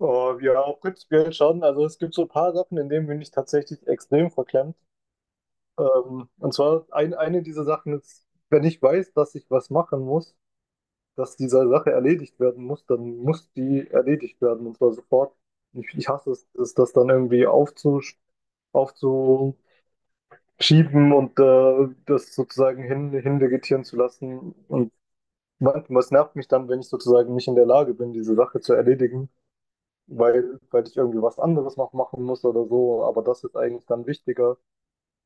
Oh, ja, prinzipiell schon. Also es gibt so ein paar Sachen, in denen bin ich tatsächlich extrem verklemmt. Eine dieser Sachen ist: wenn ich weiß, dass ich was machen muss, dass diese Sache erledigt werden muss, dann muss die erledigt werden, und zwar sofort. Ich hasse es, das dann irgendwie aufzuschieben und das sozusagen hinvegetieren zu lassen. Und manchmal, es nervt mich dann, wenn ich sozusagen nicht in der Lage bin, diese Sache zu erledigen, weil ich irgendwie was anderes noch machen muss oder so. Aber das ist eigentlich dann wichtiger.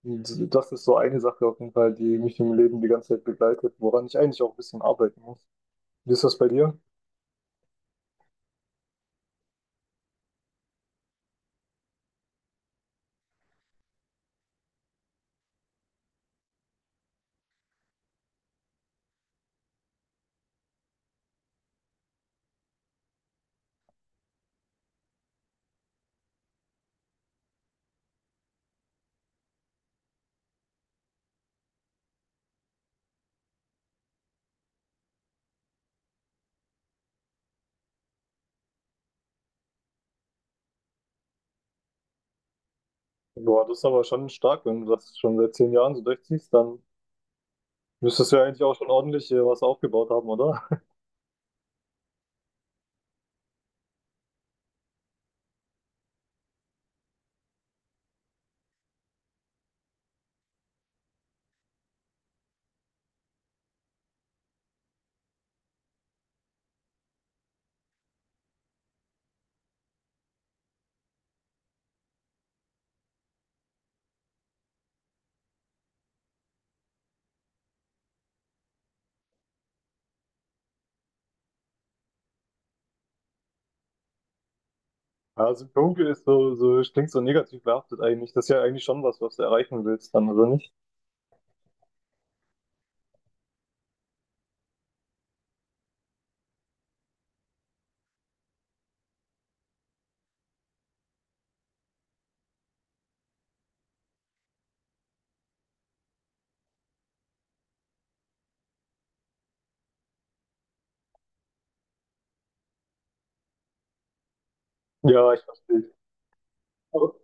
Und das ist so eine Sache auf jeden Fall, die mich im Leben die ganze Zeit begleitet, woran ich eigentlich auch ein bisschen arbeiten muss. Wie ist das bei dir? Boah, das ist aber schon stark, wenn du das schon seit 10 Jahren so durchziehst, dann müsstest du ja eigentlich auch schon ordentlich was aufgebaut haben, oder? Ja, Symptomke ist so, so, klingt so negativ behaftet eigentlich. Das ist ja eigentlich schon was, was du erreichen willst dann, oder nicht? Ja, ich verstehe. Aber,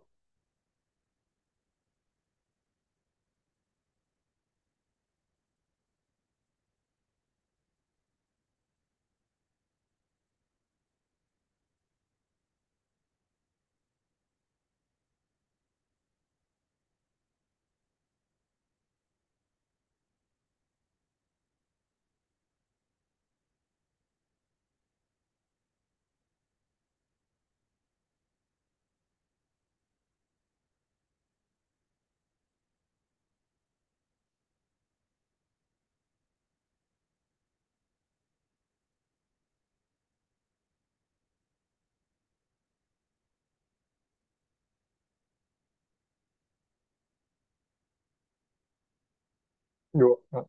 ja.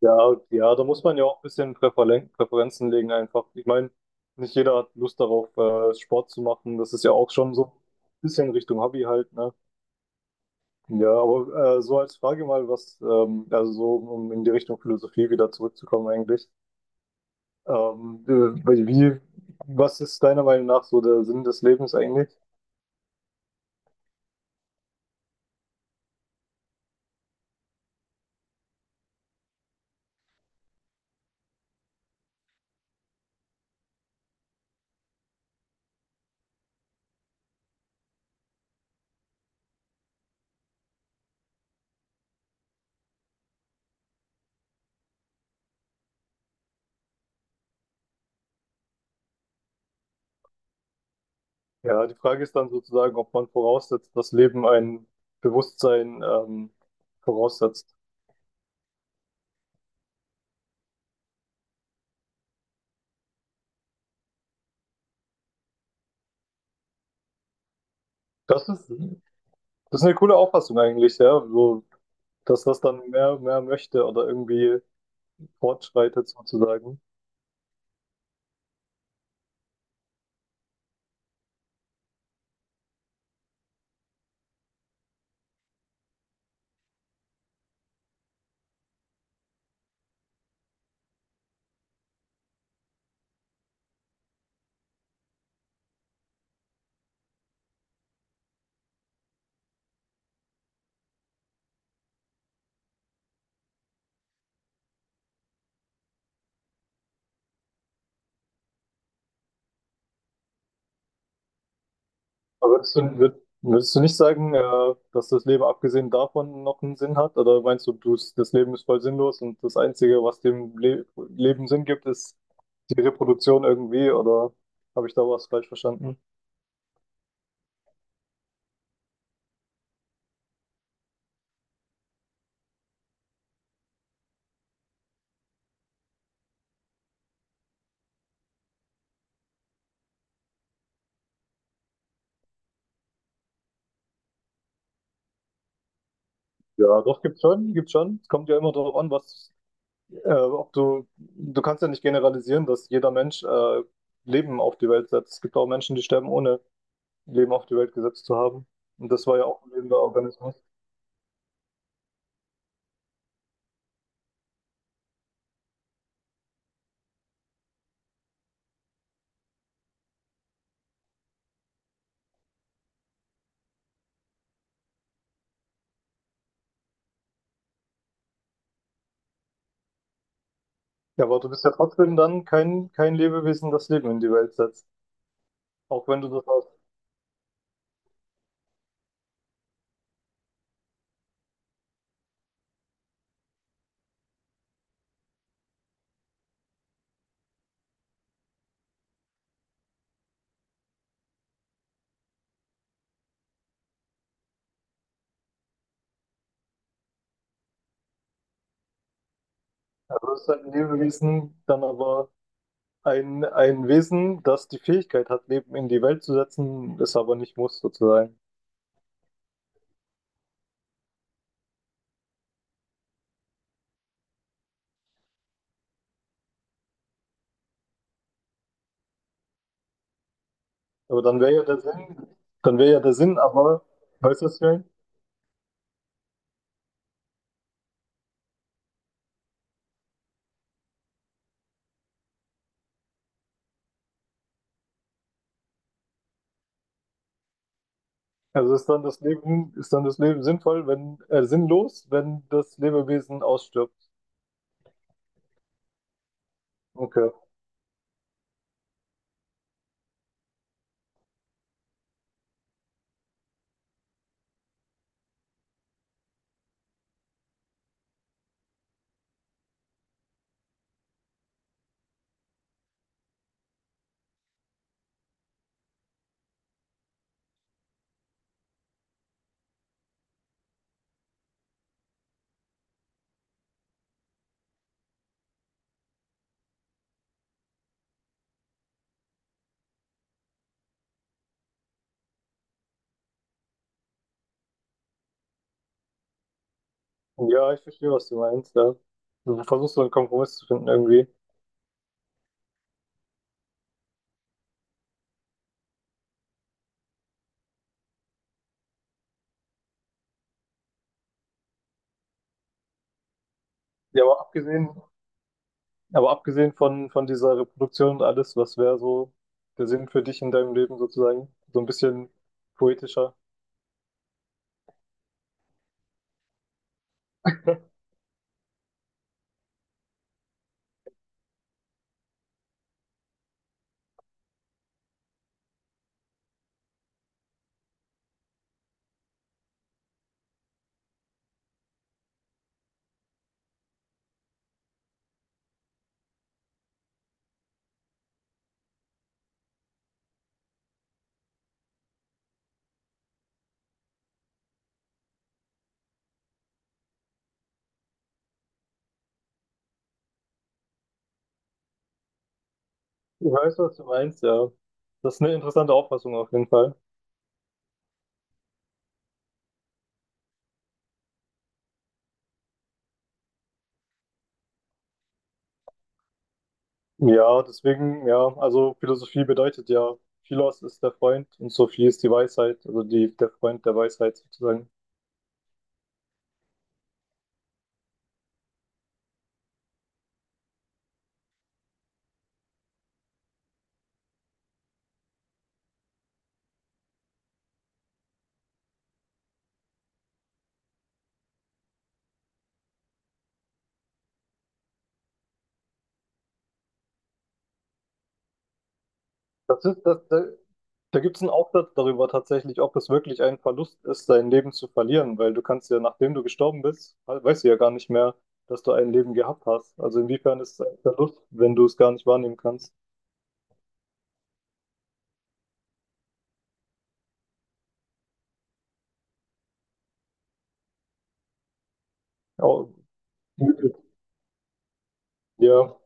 Ja, ja, da muss man ja auch ein bisschen Präferenzen legen einfach. Ich meine, nicht jeder hat Lust darauf, Sport zu machen. Das ist ja auch schon so ein bisschen Richtung Hobby halt, ne? Ja, aber so als Frage mal, was, also so um in die Richtung Philosophie wieder zurückzukommen eigentlich. Ähm, äh, wie, was ist deiner Meinung nach so der Sinn des Lebens eigentlich? Ja, die Frage ist dann sozusagen, ob man voraussetzt, dass Leben ein Bewusstsein voraussetzt. Das ist, Das ist eine coole Auffassung eigentlich, ja. So, dass das dann mehr, mehr möchte oder irgendwie fortschreitet sozusagen. Aber würdest du nicht sagen, dass das Leben abgesehen davon noch einen Sinn hat? Oder meinst du, du das Leben ist voll sinnlos und das Einzige, was dem Le Leben Sinn gibt, ist die Reproduktion irgendwie? Oder habe ich da was falsch verstanden? Ja, doch, gibt schon, gibt schon. Es kommt ja immer darauf an, was. Ob du, du kannst ja nicht generalisieren, dass jeder Mensch Leben auf die Welt setzt. Es gibt auch Menschen, die sterben, ohne Leben auf die Welt gesetzt zu haben. Und das war ja auch ein lebender Organismus. Ja, aber du bist ja trotzdem dann kein Lebewesen, das Leben in die Welt setzt. Auch wenn du das hast. Also du bist halt ein Lebewesen, dann aber ein Wesen, das die Fähigkeit hat, Leben in die Welt zu setzen, es aber nicht muss, sozusagen. Aber dann wäre ja der Sinn, dann wäre ja der Sinn, aber, weißt du, was ich meine? Also ist dann das Leben, ist dann das Leben sinnvoll, wenn, sinnlos, wenn das Lebewesen ausstirbt. Okay. Ja, ich verstehe, was du meinst, ja. Du versuchst so einen Kompromiss zu finden irgendwie. Ja, aber abgesehen von dieser Reproduktion und alles, was wäre so der Sinn für dich in deinem Leben sozusagen? So ein bisschen poetischer. Ich weiß, was du meinst, ja. Das ist eine interessante Auffassung auf jeden Fall. Ja, deswegen, ja, also Philosophie bedeutet ja, Philos ist der Freund und Sophie ist die Weisheit, also die, der Freund der Weisheit sozusagen. Das ist, das, da, da gibt es einen Aufsatz darüber tatsächlich, ob es wirklich ein Verlust ist, dein Leben zu verlieren, weil du kannst ja, nachdem du gestorben bist, weißt du ja gar nicht mehr, dass du ein Leben gehabt hast. Also inwiefern ist es ein Verlust, wenn du es gar nicht wahrnehmen kannst? Au-. Ja,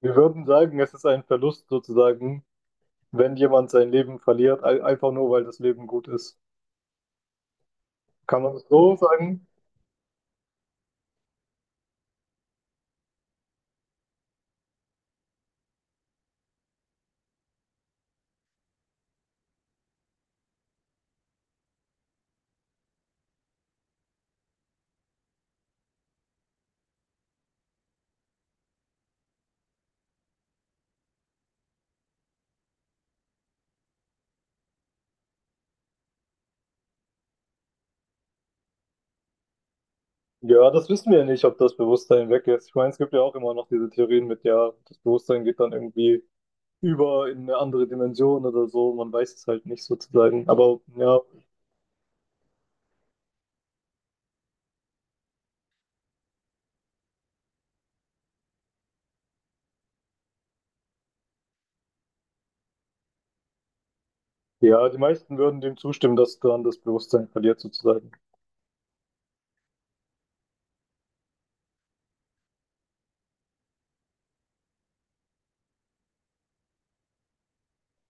wir würden sagen, es ist ein Verlust sozusagen, wenn jemand sein Leben verliert, einfach nur, weil das Leben gut ist. Kann man das so sagen? Ja, das wissen wir ja nicht, ob das Bewusstsein weg ist. Ich meine, es gibt ja auch immer noch diese Theorien mit, ja, das Bewusstsein geht dann irgendwie über in eine andere Dimension oder so. Man weiß es halt nicht sozusagen. Aber ja, ja, die meisten würden dem zustimmen, dass dann das Bewusstsein verliert sozusagen.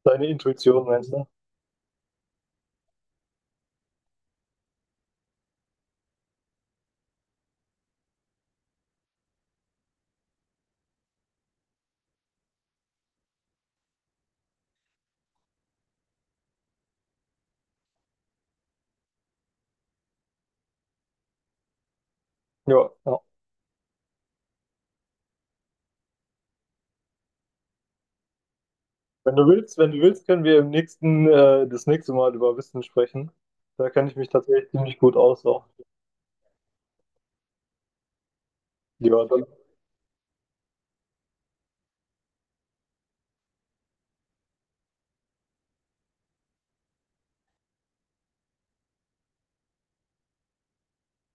Deine Intuition, meinst du? Ja, ja. Wenn du willst, wenn du willst, können wir im nächsten, das nächste Mal über Wissen sprechen. Da kenne ich mich tatsächlich ziemlich gut aus auch. Ja, dann.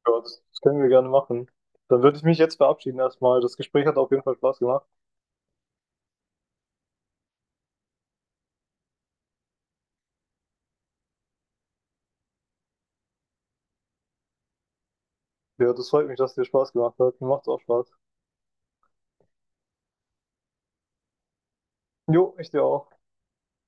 Ja, das das können wir gerne machen. Dann würde ich mich jetzt verabschieden erstmal. Das Gespräch hat auf jeden Fall Spaß gemacht. Ja, das freut mich, dass es dir Spaß gemacht hat. Mir macht's auch Spaß. Jo, ich dir auch.